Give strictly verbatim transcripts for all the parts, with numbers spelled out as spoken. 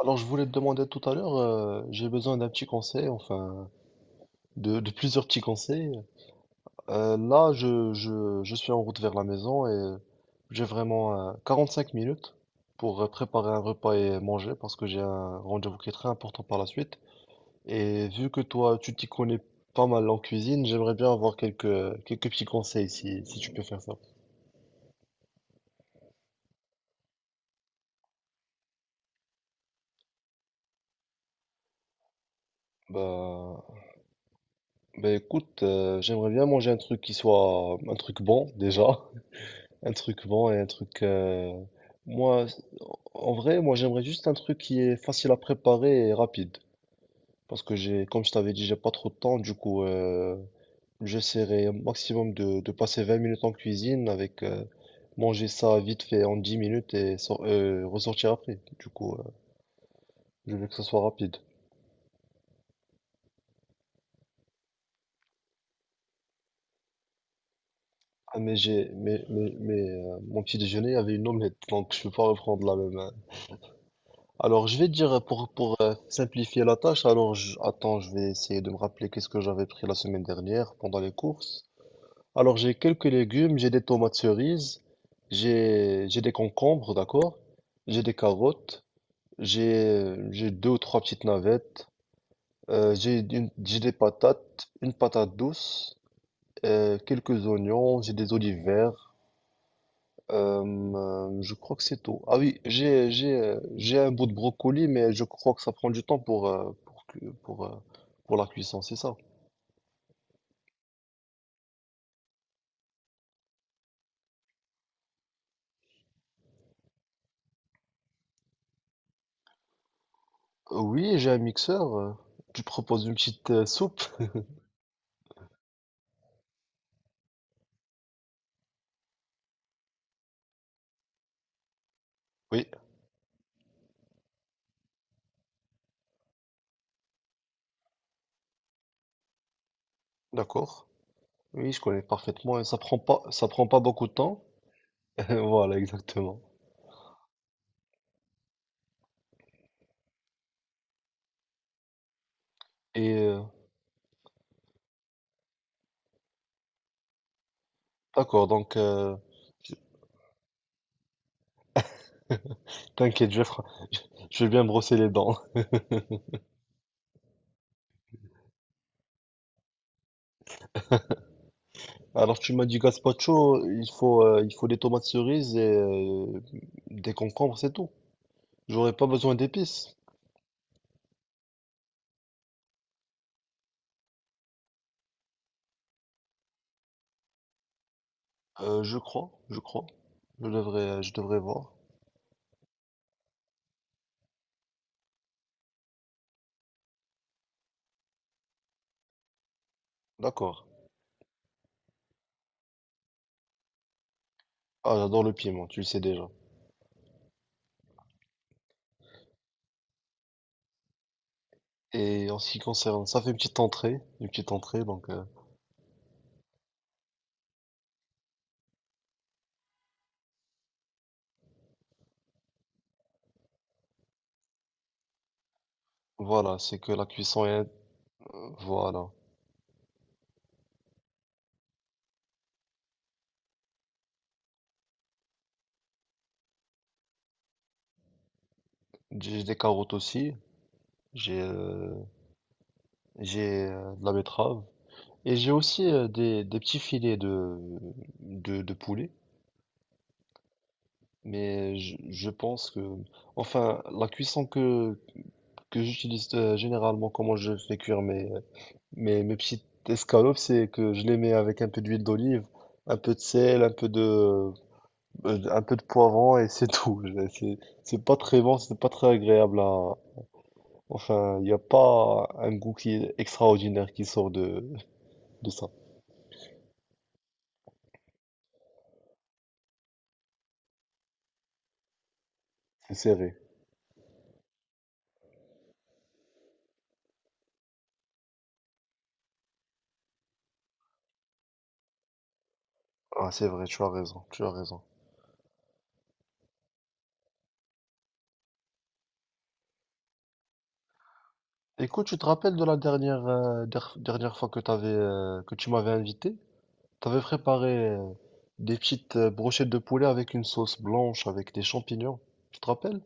Alors, je voulais te demander tout à l'heure, euh, j'ai besoin d'un petit conseil, enfin, de, de plusieurs petits conseils. Euh, là, je, je, je suis en route vers la maison et j'ai vraiment euh, 45 minutes pour euh, préparer un repas et manger parce que j'ai un rendez-vous qui est très important par la suite. Et vu que toi, tu t'y connais pas mal en cuisine, j'aimerais bien avoir quelques, quelques petits conseils si, si tu peux faire ça. Bah, bah écoute, euh, j'aimerais bien manger un truc qui soit un truc bon déjà. Un truc bon et un truc. euh, Moi, en vrai, moi j'aimerais juste un truc qui est facile à préparer et rapide. Parce que j'ai, comme je t'avais dit, j'ai pas trop de temps. Du coup, euh, j'essaierai au maximum de, de passer vingt minutes en cuisine avec euh, manger ça vite fait en dix minutes et sor- euh, ressortir après. Du coup, euh, je veux que ça soit rapide. Ah, mais j'ai, mais, mais, mais, euh, mon petit déjeuner avait une omelette, donc je peux pas reprendre la même. Alors, je vais te dire pour, pour euh, simplifier la tâche, alors je- attends, je vais essayer de me rappeler qu'est-ce que j'avais pris la semaine dernière pendant les courses. Alors, j'ai quelques légumes, j'ai des tomates cerises, j'ai j'ai des concombres, d'accord? J'ai des carottes, j'ai j'ai deux ou trois petites navettes, euh, j'ai une- j'ai des patates, une patate douce, euh, quelques oignons, j'ai des olives vertes. Euh, euh, je crois que c'est tout. Ah oui, j'ai j'ai euh, j'ai un bout de brocoli, mais je crois que ça prend du temps pour euh, pour cu- pour euh, pour la cuisson, c'est ça. Euh, Oui, j'ai un mixeur. euh, Tu proposes une petite euh, soupe? Oui, d'accord. Oui, je connais parfaitement. et Ça prend pas ça prend pas beaucoup de temps. Voilà, exactement. Et euh, d'accord, donc euh, t'inquiète, je vais fra- je vais bien brosser les dents. Alors tu m'as dit gazpacho, il faut euh, il faut des tomates cerises et euh, des concombres, c'est tout. J'aurais pas besoin d'épices. Euh, je crois, je crois. Je devrais, euh, je devrais voir. D'accord. Ah, j'adore le piment, tu le sais déjà. Et en ce qui concerne, ça fait une petite entrée, une petite entrée, donc euh, voilà, c'est que la cuisson est, voilà. J'ai des carottes aussi, j'ai, euh, j'ai euh, de la betterave et j'ai aussi euh, des, des petits filets de, de, de poulet. Mais je, je pense que, enfin, la cuisson que que j'utilise euh, généralement, comment je fais cuire mes Mais mes petites escalopes, c'est que je les mets avec un peu d'huile d'olive, un peu de sel, un peu de, euh, un peu de poivron et c'est tout. Je- C'est, c'est pas très bon, c'est pas très agréable à. Enfin, il n'y a pas un goût qui est extraordinaire qui sort de, de ça. C'est serré. Ah, c'est vrai, tu as raison, tu as raison. Écoute, tu te rappelles de la dernière, euh, der- dernière fois que t'avais, euh, que tu m'avais invité? T'avais préparé euh, des petites euh, brochettes de poulet avec une sauce blanche, avec des champignons. Tu te rappelles?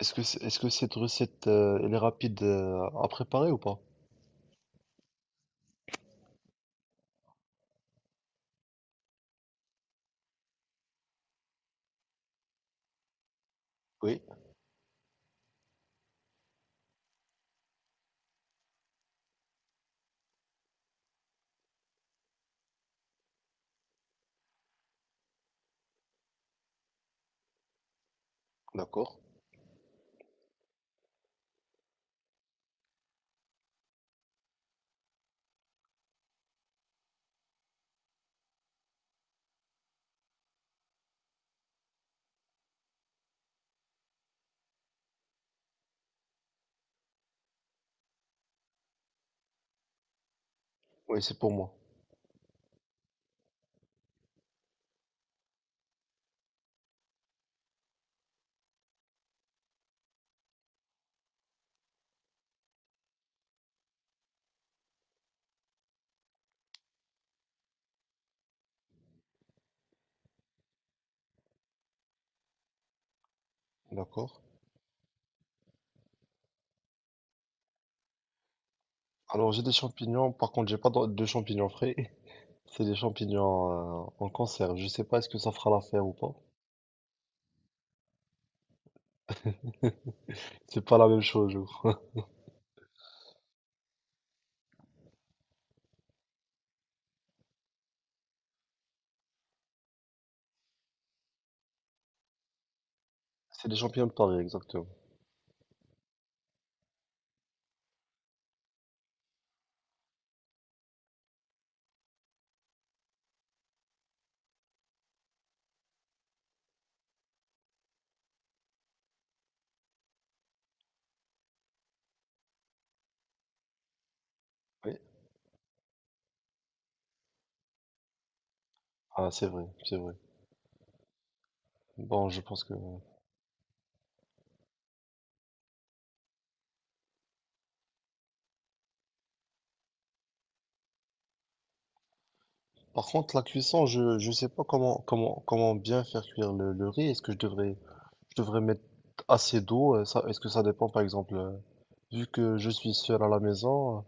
Est-ce que, c- est-ce que cette recette, euh, elle est rapide, euh, à préparer ou pas? Oui, d'accord. Oui, c'est pour moi. D'accord. Alors, j'ai des champignons. Par contre, j'ai pas de de champignons frais. C'est des champignons, euh, en conserve. Je sais pas est-ce que ça fera l'affaire ou pas. C'est pas la même chose, je crois. C'est des champignons de Paris, exactement. Oui, ah, c'est vrai, c'est vrai. Bon, je pense que. Par contre, la cuisson, je je sais pas comment comment comment bien faire cuire le, le riz. Est-ce que je devrais je devrais mettre assez d'eau? euh, Ça, est-ce que ça dépend, par exemple? euh, Vu que je suis seul à la maison, euh,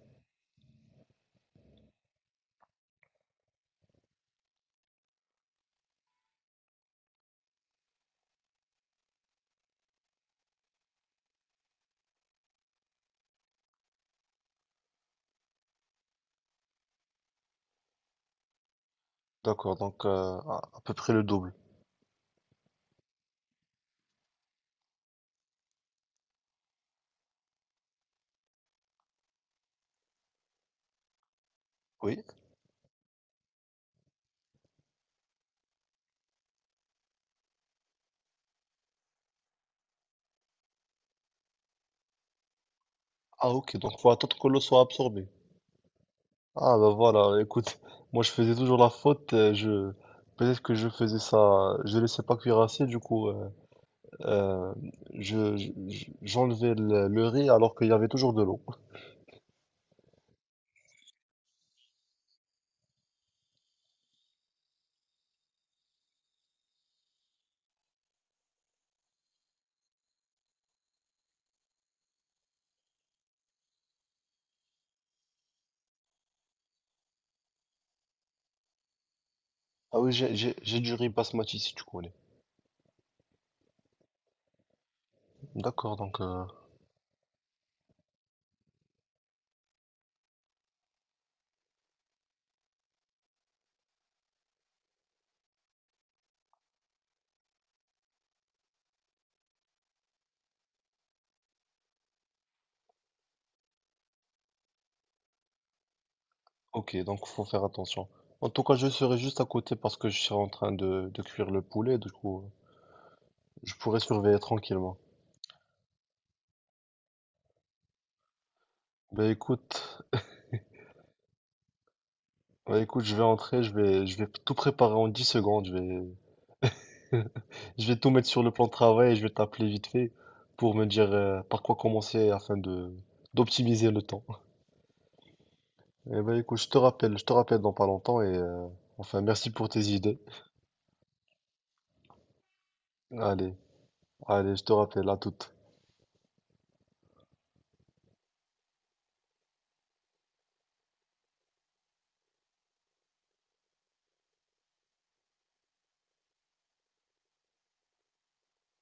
d'accord, donc euh, à, à peu près le double. Oui. Ah, ok, donc faut attendre que l'eau soit absorbée. Ah bah voilà, écoute, moi je faisais toujours la faute, euh, je peut-être que je faisais ça, je laissais pas cuire assez, du coup euh, euh, je je- je- j'enlevais le, le riz alors qu'il y avait toujours de l'eau. Ah oui, j'ai j'ai j'ai du riz basmati si tu connais. D'accord, donc euh, ok, donc faut faire attention. En tout cas, je serai juste à côté parce que je suis en train de, de cuire le poulet, du coup. Je pourrais surveiller tranquillement. Bah écoute, bah écoute, je vais entrer, je vais, je vais tout préparer en dix secondes, je vais, je vais tout mettre sur le plan de travail et je vais t'appeler vite fait pour me dire euh, par quoi commencer afin de d'optimiser le temps. Et bah écoute, je te rappelle, je te rappelle dans pas longtemps et euh, enfin merci pour tes idées. Allez, allez, je te rappelle, à toute.